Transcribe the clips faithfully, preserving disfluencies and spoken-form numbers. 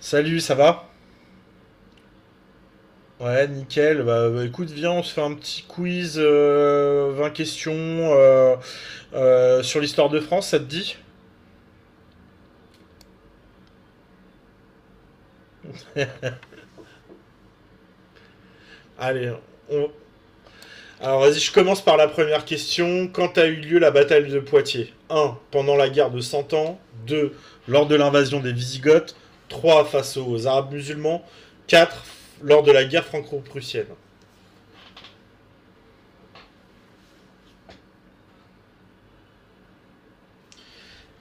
Salut, ça va? Ouais, nickel. Bah, bah, écoute, viens, on se fait un petit quiz, euh, vingt questions euh, euh, sur l'histoire de France, ça te dit? Allez, on... alors vas-y, je commence par la première question. Quand a eu lieu la bataille de Poitiers? Un, pendant la guerre de Cent Ans. Deux, lors de l'invasion des Wisigoths. Trois, face aux Arabes musulmans. Quatre, lors de la guerre franco-prussienne.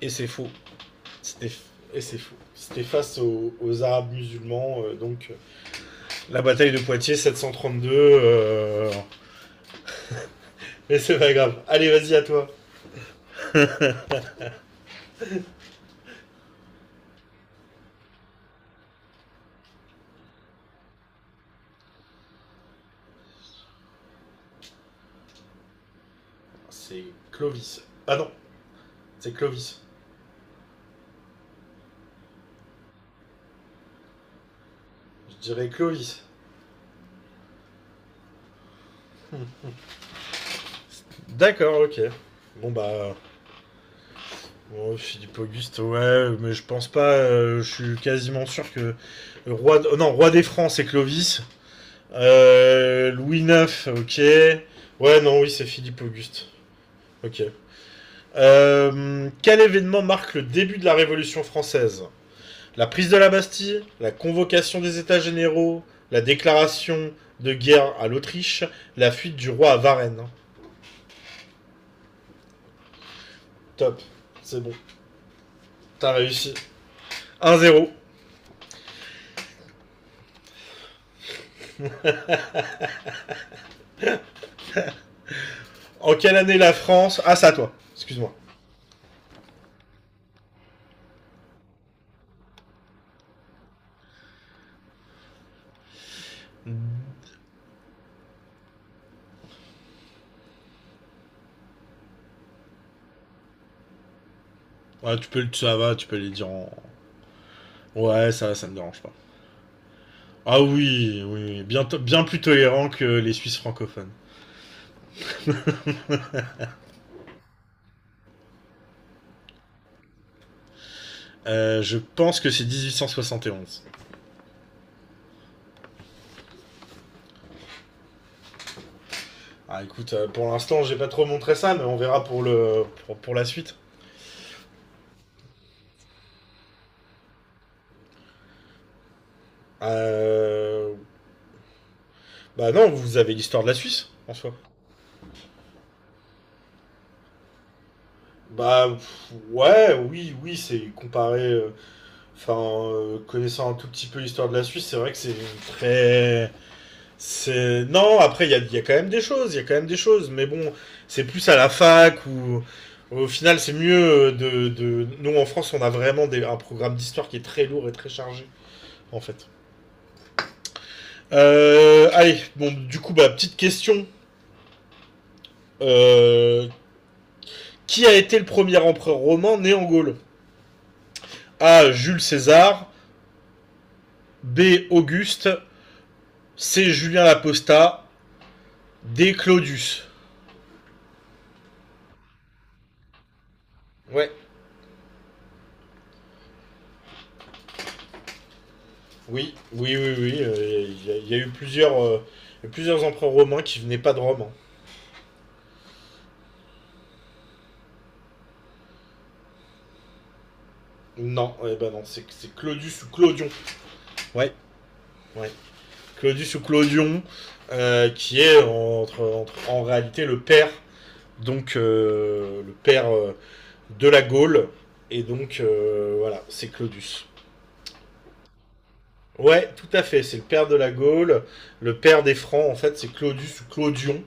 Et c'est faux. C'était... Et c'est faux. C'était face aux, aux Arabes musulmans, euh, donc... euh, la bataille de Poitiers sept cent trente-deux. euh, Mais c'est pas grave. Allez, vas-y à toi. C'est Clovis. Ah non, c'est Clovis. Je dirais Clovis. D'accord, ok. Bon, bah. Bon, Philippe Auguste, ouais, mais je pense pas. euh, je suis quasiment sûr que le roi, de- non, roi des Francs, c'est Clovis. Euh, Louis neuf, ok. Ouais, non, oui, c'est Philippe Auguste. Ok. Euh, quel événement marque le début de la Révolution française? La prise de la Bastille, la convocation des États généraux, la déclaration de guerre à l'Autriche, la fuite du roi à Varennes. Top, c'est bon, t'as réussi. un zéro. En quelle année la France Ah, ça toi, excuse-moi. Ouais, tu peux, ça va, tu peux les dire en. Ouais, ça ça me dérange pas. Ah oui, oui, oui, bien, bien plus tolérant que les Suisses francophones. Euh, je pense que c'est dix-huit cent soixante et onze. Ah écoute, euh, pour l'instant, j'ai pas trop montré ça, mais on verra pour le pour, pour la suite. Euh, Bah non, vous avez l'histoire de la Suisse, en soi. Bah pff, ouais, oui, oui, c'est comparé. euh, Enfin, euh, connaissant un tout petit peu l'histoire de la Suisse, c'est vrai que c'est Très... C'est... Non, après, il y a, il y a quand même des choses, il y a quand même des choses, mais bon, c'est plus à la fac ou... Au final, c'est mieux euh, de, de... Nous, en France, on a vraiment des- un programme d'histoire qui est très lourd et très chargé, en fait. Euh, allez, bon, du coup, bah, petite question. Euh, qui a été le premier empereur romain né en Gaule? A. Jules César. B. Auguste. C. Julien Laposta. D. Claudius. Ouais, oui, oui, oui, oui. euh, Il euh, y, a- y a eu plusieurs, euh, plusieurs empereurs romains qui venaient pas de Rome, hein. Non, eh ben non, c'est c'est Claudius ou Clodion. Ouais, ouais. Claudius ou Clodion, euh, qui est entre, entre- en réalité le père, donc euh, le père euh, de la Gaule. Et donc, euh, voilà, c'est Claudius. Ouais, tout à fait. C'est le père de la Gaule, le père des Francs, en fait, c'est Claudius ou Claudion.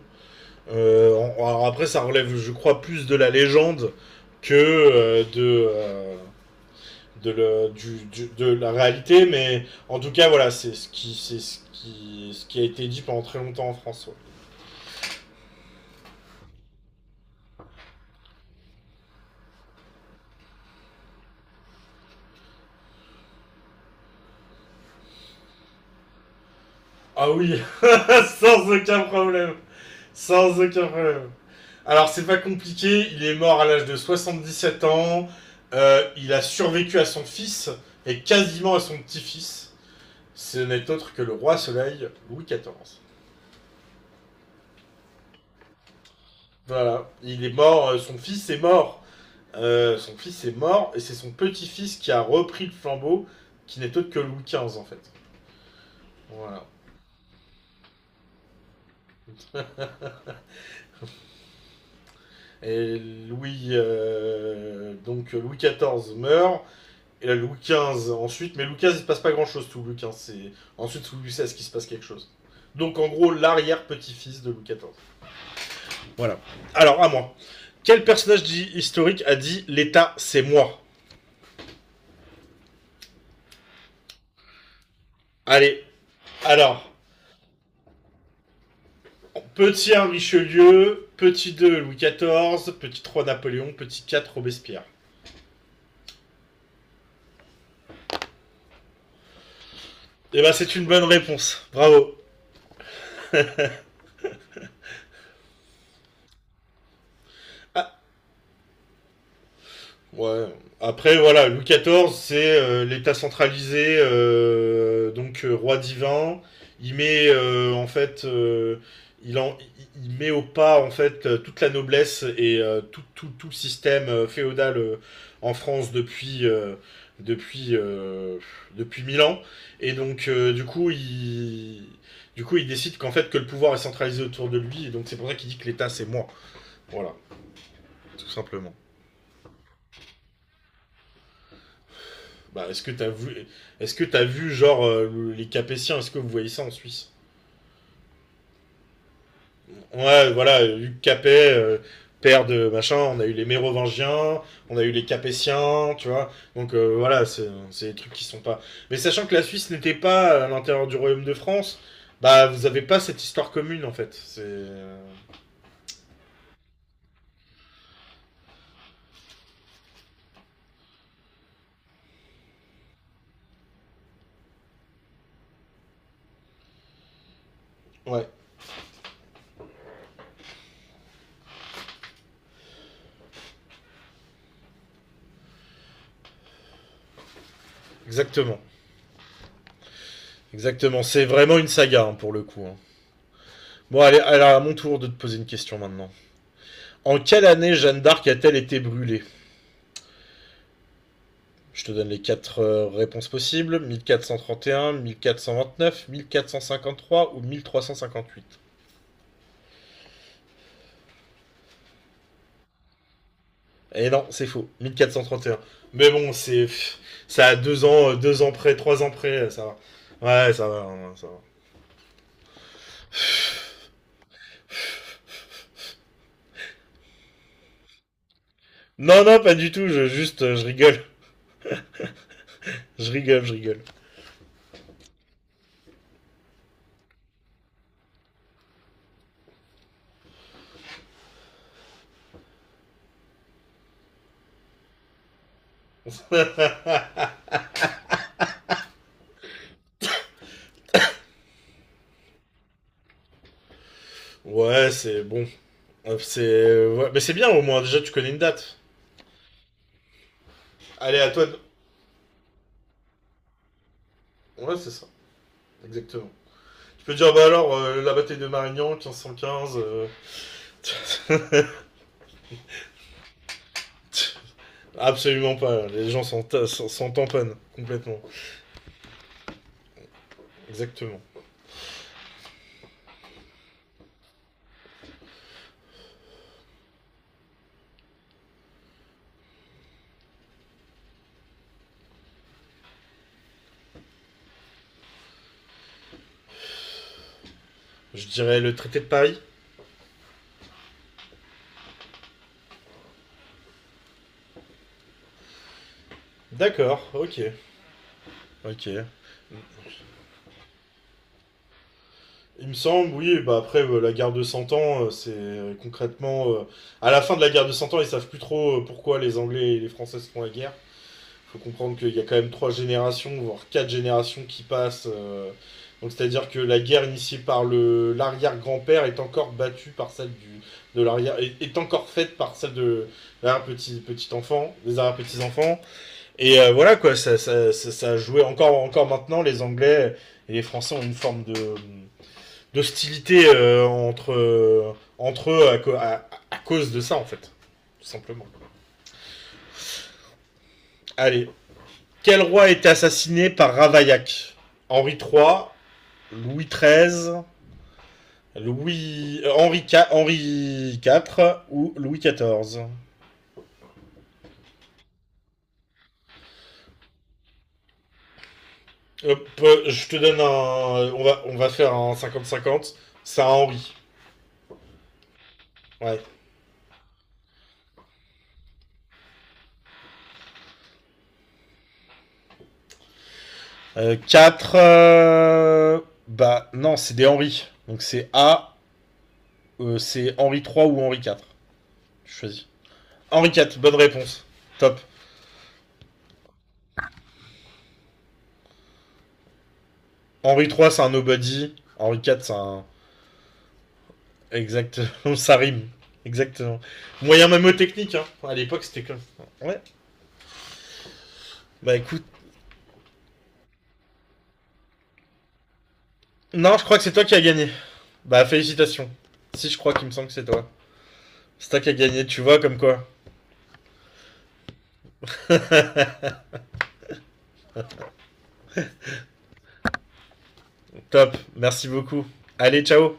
Euh, en- alors après, ça relève, je crois, plus de la légende que euh, de, euh, de, le- du- du- de la réalité, mais en tout cas, voilà, c'est ce qui, c'est ce qui, ce qui a été dit pendant très longtemps en France. Ouais. Ah oui, sans aucun problème. Sans aucun problème. Alors, c'est pas compliqué, il est mort à l'âge de soixante-dix-sept ans. Euh, il a survécu à son fils et quasiment à son petit-fils. Ce n'est autre que le roi soleil Louis quatorze. Voilà, il est mort, euh, son fils est mort. Euh, son fils est mort et c'est son petit-fils qui a repris le flambeau, qui n'est autre que Louis quinze en fait. Voilà. Et Louis, euh, donc Louis quatorze meurt. Et là, Louis quinze ensuite, mais Louis quinze, il se passe pas grand chose sous Louis quinze. C'est ensuite sous Louis seize qu'il se passe quelque chose. Donc en gros, l'arrière-petit-fils de Louis quatorze. Voilà. Alors, à moi. Quel personnage historique a dit l'État, c'est moi? Allez, alors, petit un Richelieu, petit deux Louis quatorze, petit trois Napoléon, petit quatre Robespierre. Et Eh ben, c'est une bonne réponse. Bravo. Ah, ouais. Après, voilà, Louis quatorze, c'est euh, l'État centralisé, euh, donc euh, roi divin. Il met euh, en fait, euh, il, en, il- il met au pas en fait euh, toute la noblesse et euh, tout, tout, tout le système euh, féodal euh, en France depuis euh, depuis euh, depuis mille ans. Et donc, euh, du coup, il du coup, il décide qu'en fait que le pouvoir est centralisé autour de lui. Et donc, c'est pour ça qu'il dit que l'État c'est moi. Voilà, tout simplement. Bah, est-ce que t'as vu, est-ce que t'as vu genre euh, le- les Capétiens, est-ce que vous voyez ça en Suisse? Ouais, voilà, euh, Hugues Capet, euh, père de machin, on a eu les Mérovingiens, on a eu les Capétiens, tu vois. Donc euh, voilà, c'est c'est des trucs qui sont pas. Mais sachant que la Suisse n'était pas à l'intérieur du Royaume de France, bah vous avez pas cette histoire commune en fait. C'est euh, ouais, exactement, exactement. C'est vraiment une saga hein, pour le coup, hein. Bon, allez, alors à mon tour de te poser une question maintenant. En quelle année Jeanne d'Arc a-t-elle été brûlée? Je te donne les quatre euh, réponses possibles, mille quatre cent trente et un, mille quatre cent vingt-neuf, mille quatre cent cinquante-trois ou mille trois cent cinquante-huit. Et non, c'est faux, mille quatre cent trente et un. Mais bon, c'est ça a deux ans, euh, deux ans près, trois ans près, euh, ça va. Ouais, ça va, hein, ça va. Non, non, pas du tout, je, juste, euh, je rigole. Je rigole, je rigole. Ouais, c'est bon. Euh, C'est, euh, ouais, mais c'est bien au moins, déjà tu connais une date. Allez, à toi. de- Ouais, c'est ça, exactement. Tu peux dire, bah alors, euh, la bataille de Marignan, quinze cent quinze, euh, absolument pas. Les gens s'en s'en s'en tamponnent complètement. Exactement. Je dirais le traité de Paris. D'accord, ok. Ok. Il me semble, oui, bah après euh, la guerre de cent ans, euh, c'est euh, concrètement. euh, à la fin de la guerre de cent ans, ils savent plus trop euh, pourquoi les Anglais et les Français se font la guerre. Faut comprendre qu'il y a quand même trois générations, voire quatre générations qui passent. euh, donc c'est-à-dire que la guerre initiée par le l'arrière-grand-père est encore battue par celle du de l'arrière est, est encore faite par celle de l'arrière petit petit enfant, des arrière petits enfants. Et euh, voilà quoi, ça ça, ça ça a joué encore encore maintenant les Anglais et les Français ont une forme de d'hostilité euh, entre euh, entre eux à, co- à- à cause de ça en fait, tout simplement. Allez, quel roi a été assassiné par Ravaillac? Henri trois, Louis treize, Louis, euh, Henri, Qua- quatre ou Louis quatorze? euh, Je te donne un. On va, on va faire un cinquante cinquante. C'est un Henri. Ouais. quatre. Bah non, c'est des Henri. Donc c'est A, euh, c'est Henri trois ou Henri quatre. Je choisis. Henri quatre, bonne réponse. Top. Henri trois, c'est un nobody. Henri quatre, c'est un. Exactement, ça rime. Exactement. Moyen même technique, hein. À l'époque, c'était comme. Ouais. Bah écoute. Non, je crois que c'est toi qui as gagné. Bah félicitations. Si je crois qu'il me semble que c'est toi. C'est toi qui as gagné, tu vois, comme quoi. Top, merci beaucoup. Allez, ciao